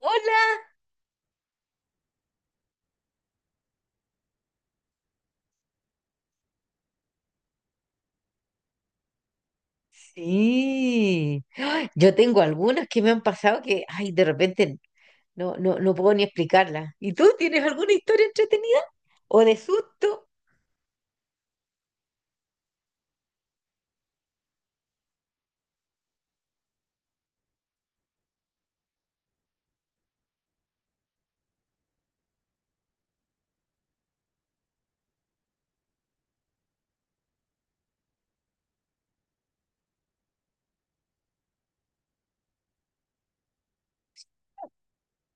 Hola. Sí. ¡Ay! Yo tengo algunas que me han pasado que, ay, de repente no puedo ni explicarlas. ¿Y tú tienes alguna historia entretenida? ¿O de susto?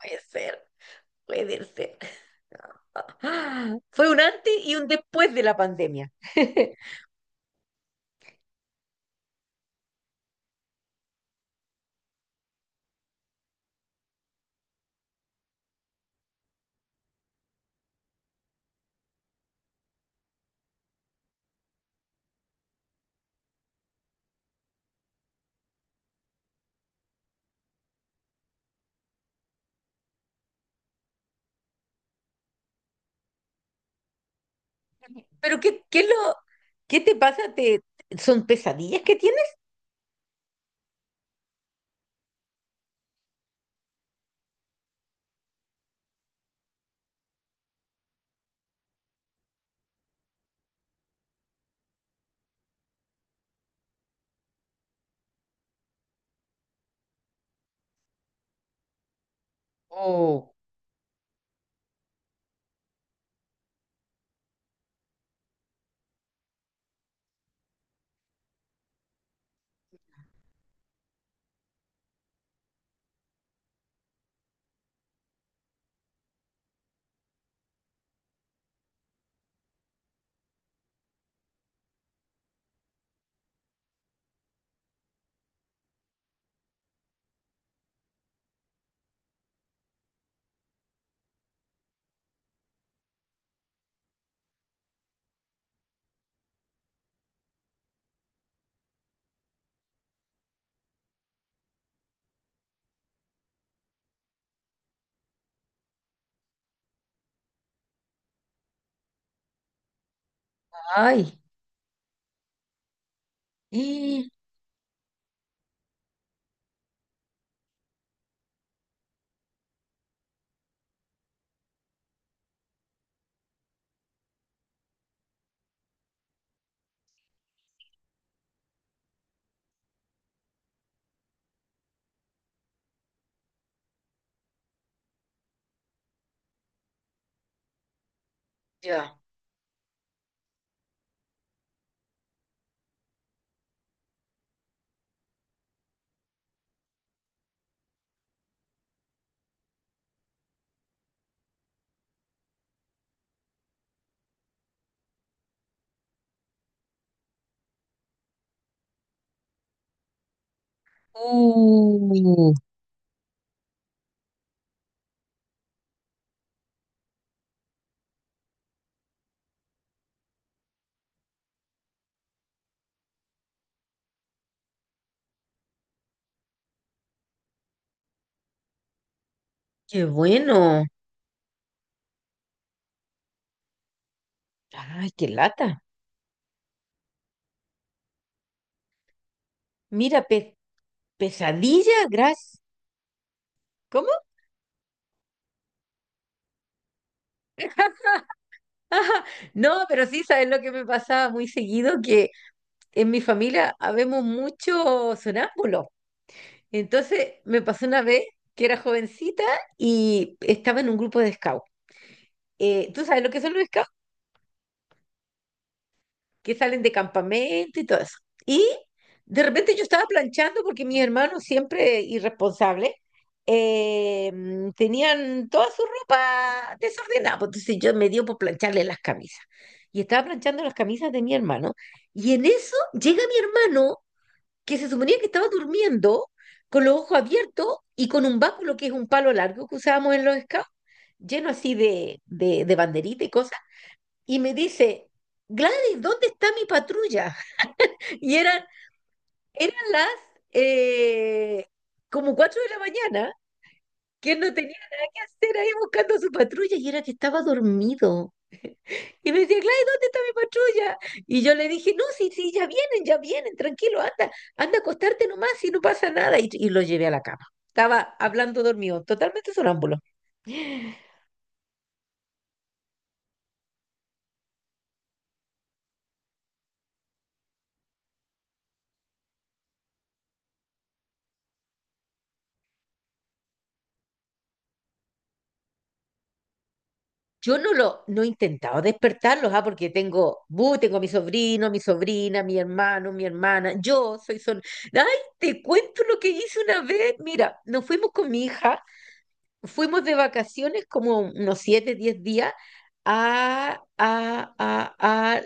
Puede ser, puede ser. Fue un antes y un después de la pandemia. Pero qué es qué te pasa? ¿Te, son pesadillas que tienes? Oh, ay. Y ya. Uh, qué bueno. Ay, qué lata. Mira, pe- Pesadilla, gracias. ¿Cómo? Ajá. No, pero sí, ¿sabes lo que me pasaba muy seguido? Que en mi familia habemos muchos sonámbulos. Entonces me pasó una vez que era jovencita y estaba en un grupo de scout. ¿Tú sabes lo que son los scouts? Que salen de campamento y todo eso. Y de repente yo estaba planchando porque mis hermanos, siempre irresponsables, tenían toda su ropa desordenada. Pues, entonces yo me dio por plancharle las camisas. Y estaba planchando las camisas de mi hermano. Y en eso llega mi hermano, que se suponía que estaba durmiendo, con los ojos abiertos y con un báculo, que es un palo largo que usábamos en los scouts, lleno así de banderita y cosas, y me dice, Gladys, ¿dónde está mi patrulla? Y eran las eh, como cuatro de la mañana, que él no tenía nada que hacer ahí buscando a su patrulla y era que estaba dormido. Y me decía, Gladys, ¿dónde está mi patrulla? Y yo le dije, no, sí, sí, ya vienen, tranquilo, anda, anda a acostarte nomás y no pasa nada. Y lo llevé a la cama. Estaba hablando dormido, totalmente sonámbulo. Yo no lo, No he intentado despertarlos, porque tengo, bu, tengo mi sobrino, mi sobrina, mi hermano, mi hermana, yo soy son. Ay, te cuento lo que hice una vez. Mira, nos fuimos con mi hija, fuimos de vacaciones como unos siete, diez días a, a, a, a,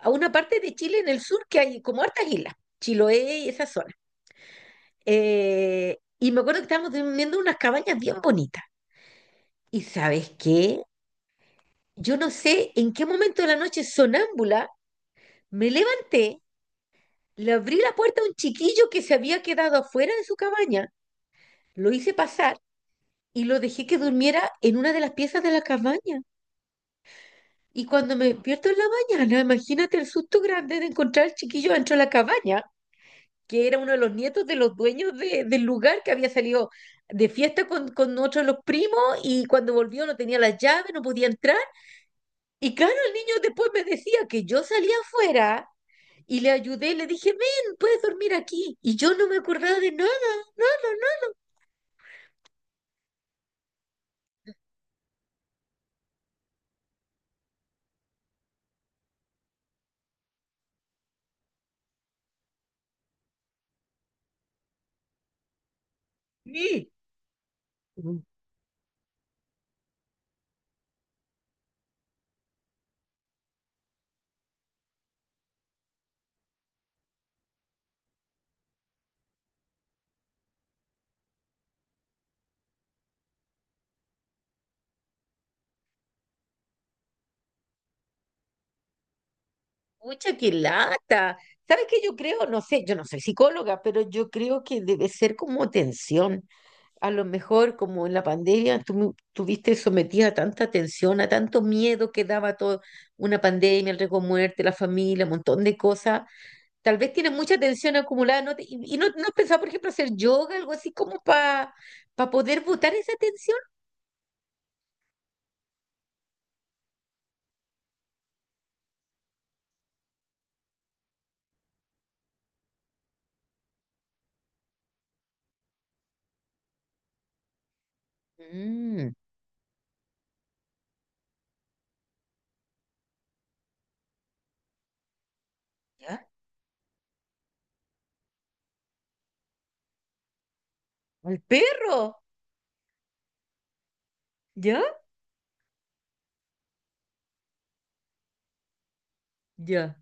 a una parte de Chile en el sur que hay como hartas islas, Chiloé y esa zona. Y me acuerdo que estábamos durmiendo en unas cabañas bien bonitas. ¿Y sabes qué? Yo no sé en qué momento de la noche sonámbula me levanté, le abrí la puerta a un chiquillo que se había quedado afuera de su cabaña, lo hice pasar y lo dejé que durmiera en una de las piezas de la cabaña. Y cuando me despierto en la mañana, imagínate el susto grande de encontrar al chiquillo dentro de la cabaña, que era uno de los nietos de los dueños del lugar que había salido de fiesta con otro de los primos y cuando volvió no tenía las llaves, no podía entrar. Y claro, el niño después me decía que yo salía afuera y le ayudé y le dije, ven, puedes dormir aquí. Y yo no me acordaba de nada. Sí. Mucha que lata. ¿Sabes qué yo creo? No sé, yo no soy psicóloga, pero yo creo que debe ser como tensión. A lo mejor como en la pandemia tú tuviste sometida a tanta tensión, a tanto miedo que daba todo, una pandemia, el riesgo de muerte, la familia, un montón de cosas. Tal vez tienes mucha tensión acumulada, ¿no? Y, y no has pensado, por ejemplo, hacer yoga, algo así como para poder botar esa tensión. Mm, ¿ya? ¿Al perro? ¿Ya? Ya.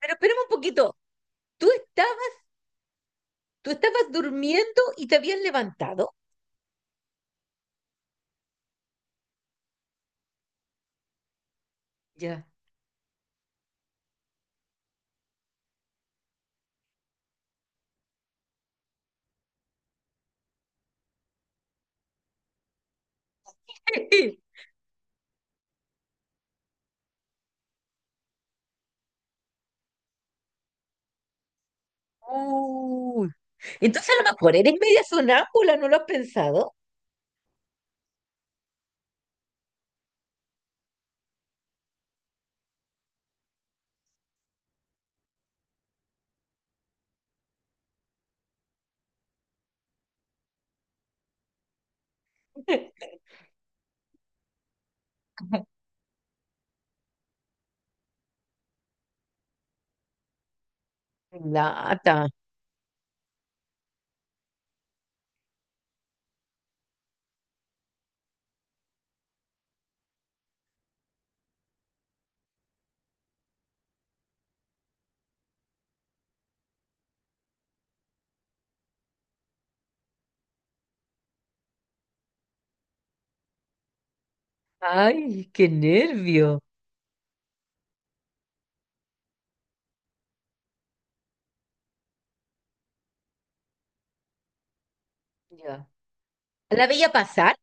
Pero espérame un poquito. ¿Tú estabas, tú estabas durmiendo y te habías levantado? Ya. Uy. Entonces a lo mejor eres media sonámbula, ¿no lo has pensado? Lata. Ay, qué nervio. Ya. ¿La veía pasar?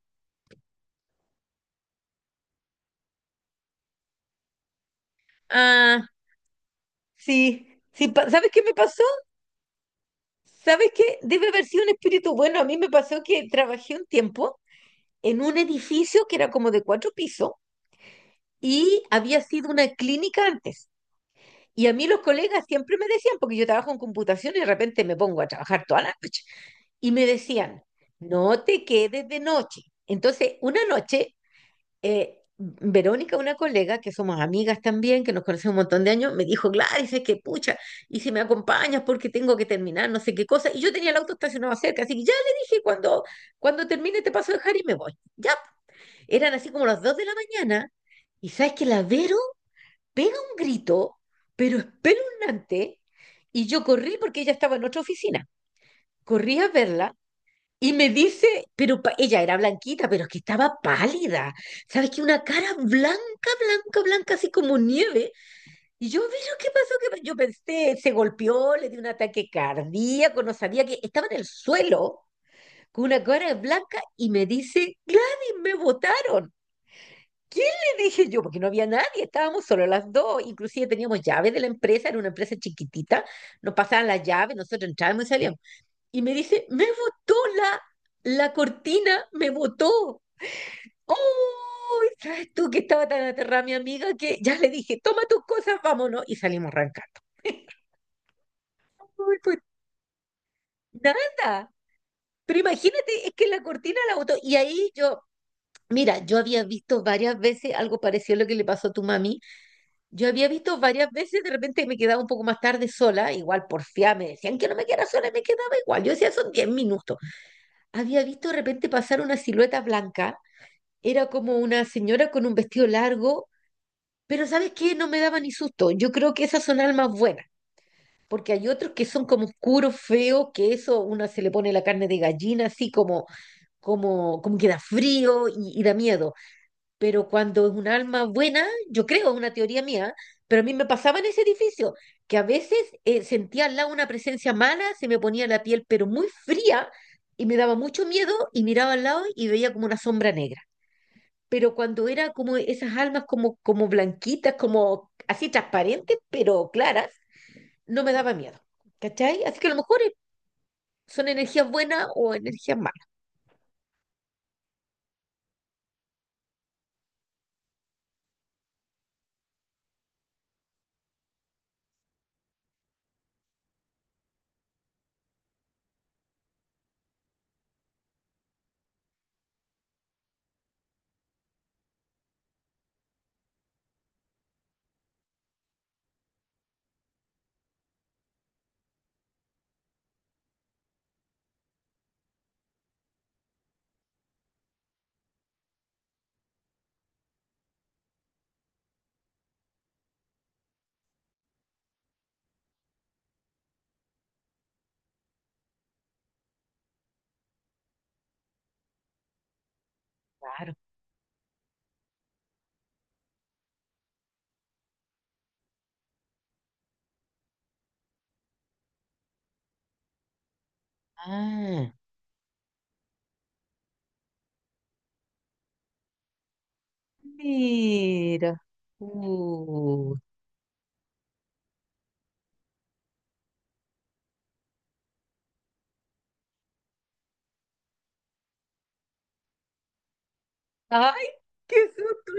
Ah, sí. ¿Sabes qué me pasó? ¿Sabes qué? Debe haber sido un espíritu bueno. A mí me pasó que trabajé un tiempo en un edificio que era como de cuatro pisos. Y había sido una clínica antes. Y a mí los colegas siempre me decían, porque yo trabajo en computación y de repente me pongo a trabajar toda la noche, y me decían, no te quedes de noche. Entonces, una noche, Verónica, una colega, que somos amigas también, que nos conocemos un montón de años, me dijo, Gladys, es que pucha, y si me acompañas porque tengo que terminar, no sé qué cosa, y yo tenía el auto estacionado cerca, así que ya le dije, cuando termine te paso a dejar y me voy. Ya, eran así como las dos de la mañana, y sabes que la Vero pega un grito, pero espeluznante, y yo corrí porque ella estaba en otra oficina. Corrí a verla y me dice, ella era blanquita, pero es que estaba pálida. ¿Sabes qué? Una cara blanca, blanca, blanca, así como nieve. Y yo, pero ¿qué pasó? ¿Qué pasó? Yo pensé, se golpeó, le dio un ataque cardíaco, no sabía que estaba en el suelo con una cara blanca y me dice, Gladys, me botaron. ¿Quién le dije yo? Porque no había nadie, estábamos solo las dos, inclusive teníamos llaves de la empresa, era una empresa chiquitita, nos pasaban las llaves, nosotros entrábamos y salíamos. Y me dice, me botó la cortina, me botó. ¡Oh! ¿Sabes tú que estaba tan aterrada mi amiga que ya le dije, toma tus cosas, vámonos? Y salimos arrancando. Uy, pues, nada, pero imagínate, es que la cortina la botó. Y ahí yo, mira, yo había visto varias veces algo parecido a lo que le pasó a tu mami. Yo había visto varias veces, de repente me quedaba un poco más tarde sola, igual porfía, me decían que no me quedara sola y me quedaba igual. Yo decía, son 10 minutos. Había visto de repente pasar una silueta blanca, era como una señora con un vestido largo, pero ¿sabes qué? No me daba ni susto. Yo creo que esas son almas buenas, porque hay otros que son como oscuros, feos, que eso una se le pone la carne de gallina, así como, como que da frío y da miedo, pero cuando es un alma buena, yo creo, es una teoría mía, pero a mí me pasaba en ese edificio, que a veces sentía al lado una presencia mala, se me ponía la piel pero muy fría y me daba mucho miedo y miraba al lado y veía como una sombra negra. Pero cuando era como esas almas como, como blanquitas, como así transparentes, pero claras, no me daba miedo. ¿Cachai? Así que a lo mejor son energías buenas o energías malas. Claro. Ah, mira. Uh, Ay, qué susto.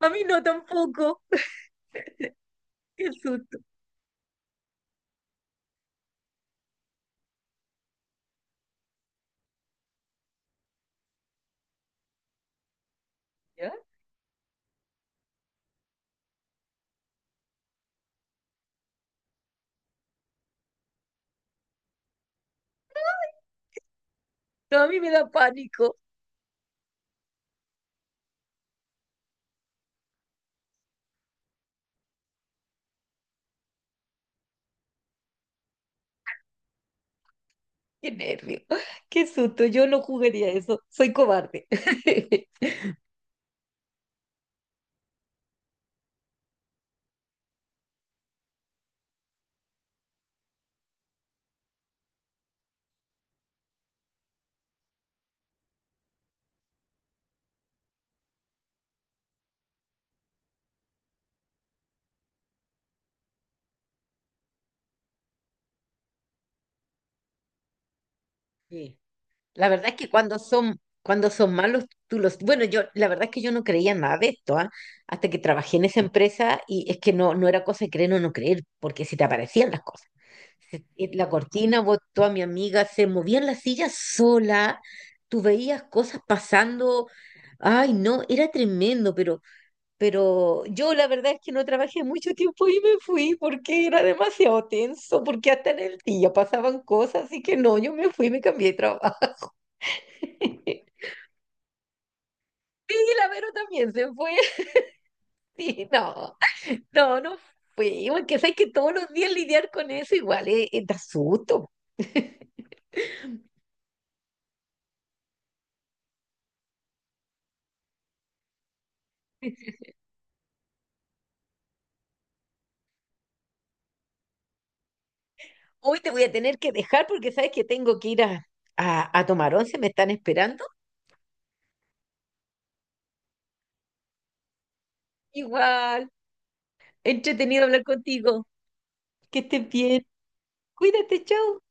A mí no tampoco. Qué susto. ¿Ya? No, a mí me da pánico. Qué nervio. Qué susto. Yo no jugaría eso. Soy cobarde. Sí. La verdad es que cuando son malos, tú los... Bueno, yo, la verdad es que yo no creía nada de esto, ¿ah? Hasta que trabajé en esa empresa y es que no, no era cosa de creer o no creer, porque si te aparecían las cosas. La cortina, vos, toda mi amiga, se movían las sillas sola, tú veías cosas pasando, ay no, era tremendo, pero yo la verdad es que no trabajé mucho tiempo y me fui porque era demasiado tenso, porque hasta en el día pasaban cosas, así que no, yo me fui, me cambié de trabajo. Y la Vero también se fue, sí, no fui, porque sabes que todos los días lidiar con eso igual, da susto. Hoy te voy a tener que dejar porque sabes que tengo que ir a tomar once, me están esperando. Igual, entretenido hablar contigo. Que estés bien. Cuídate, chao.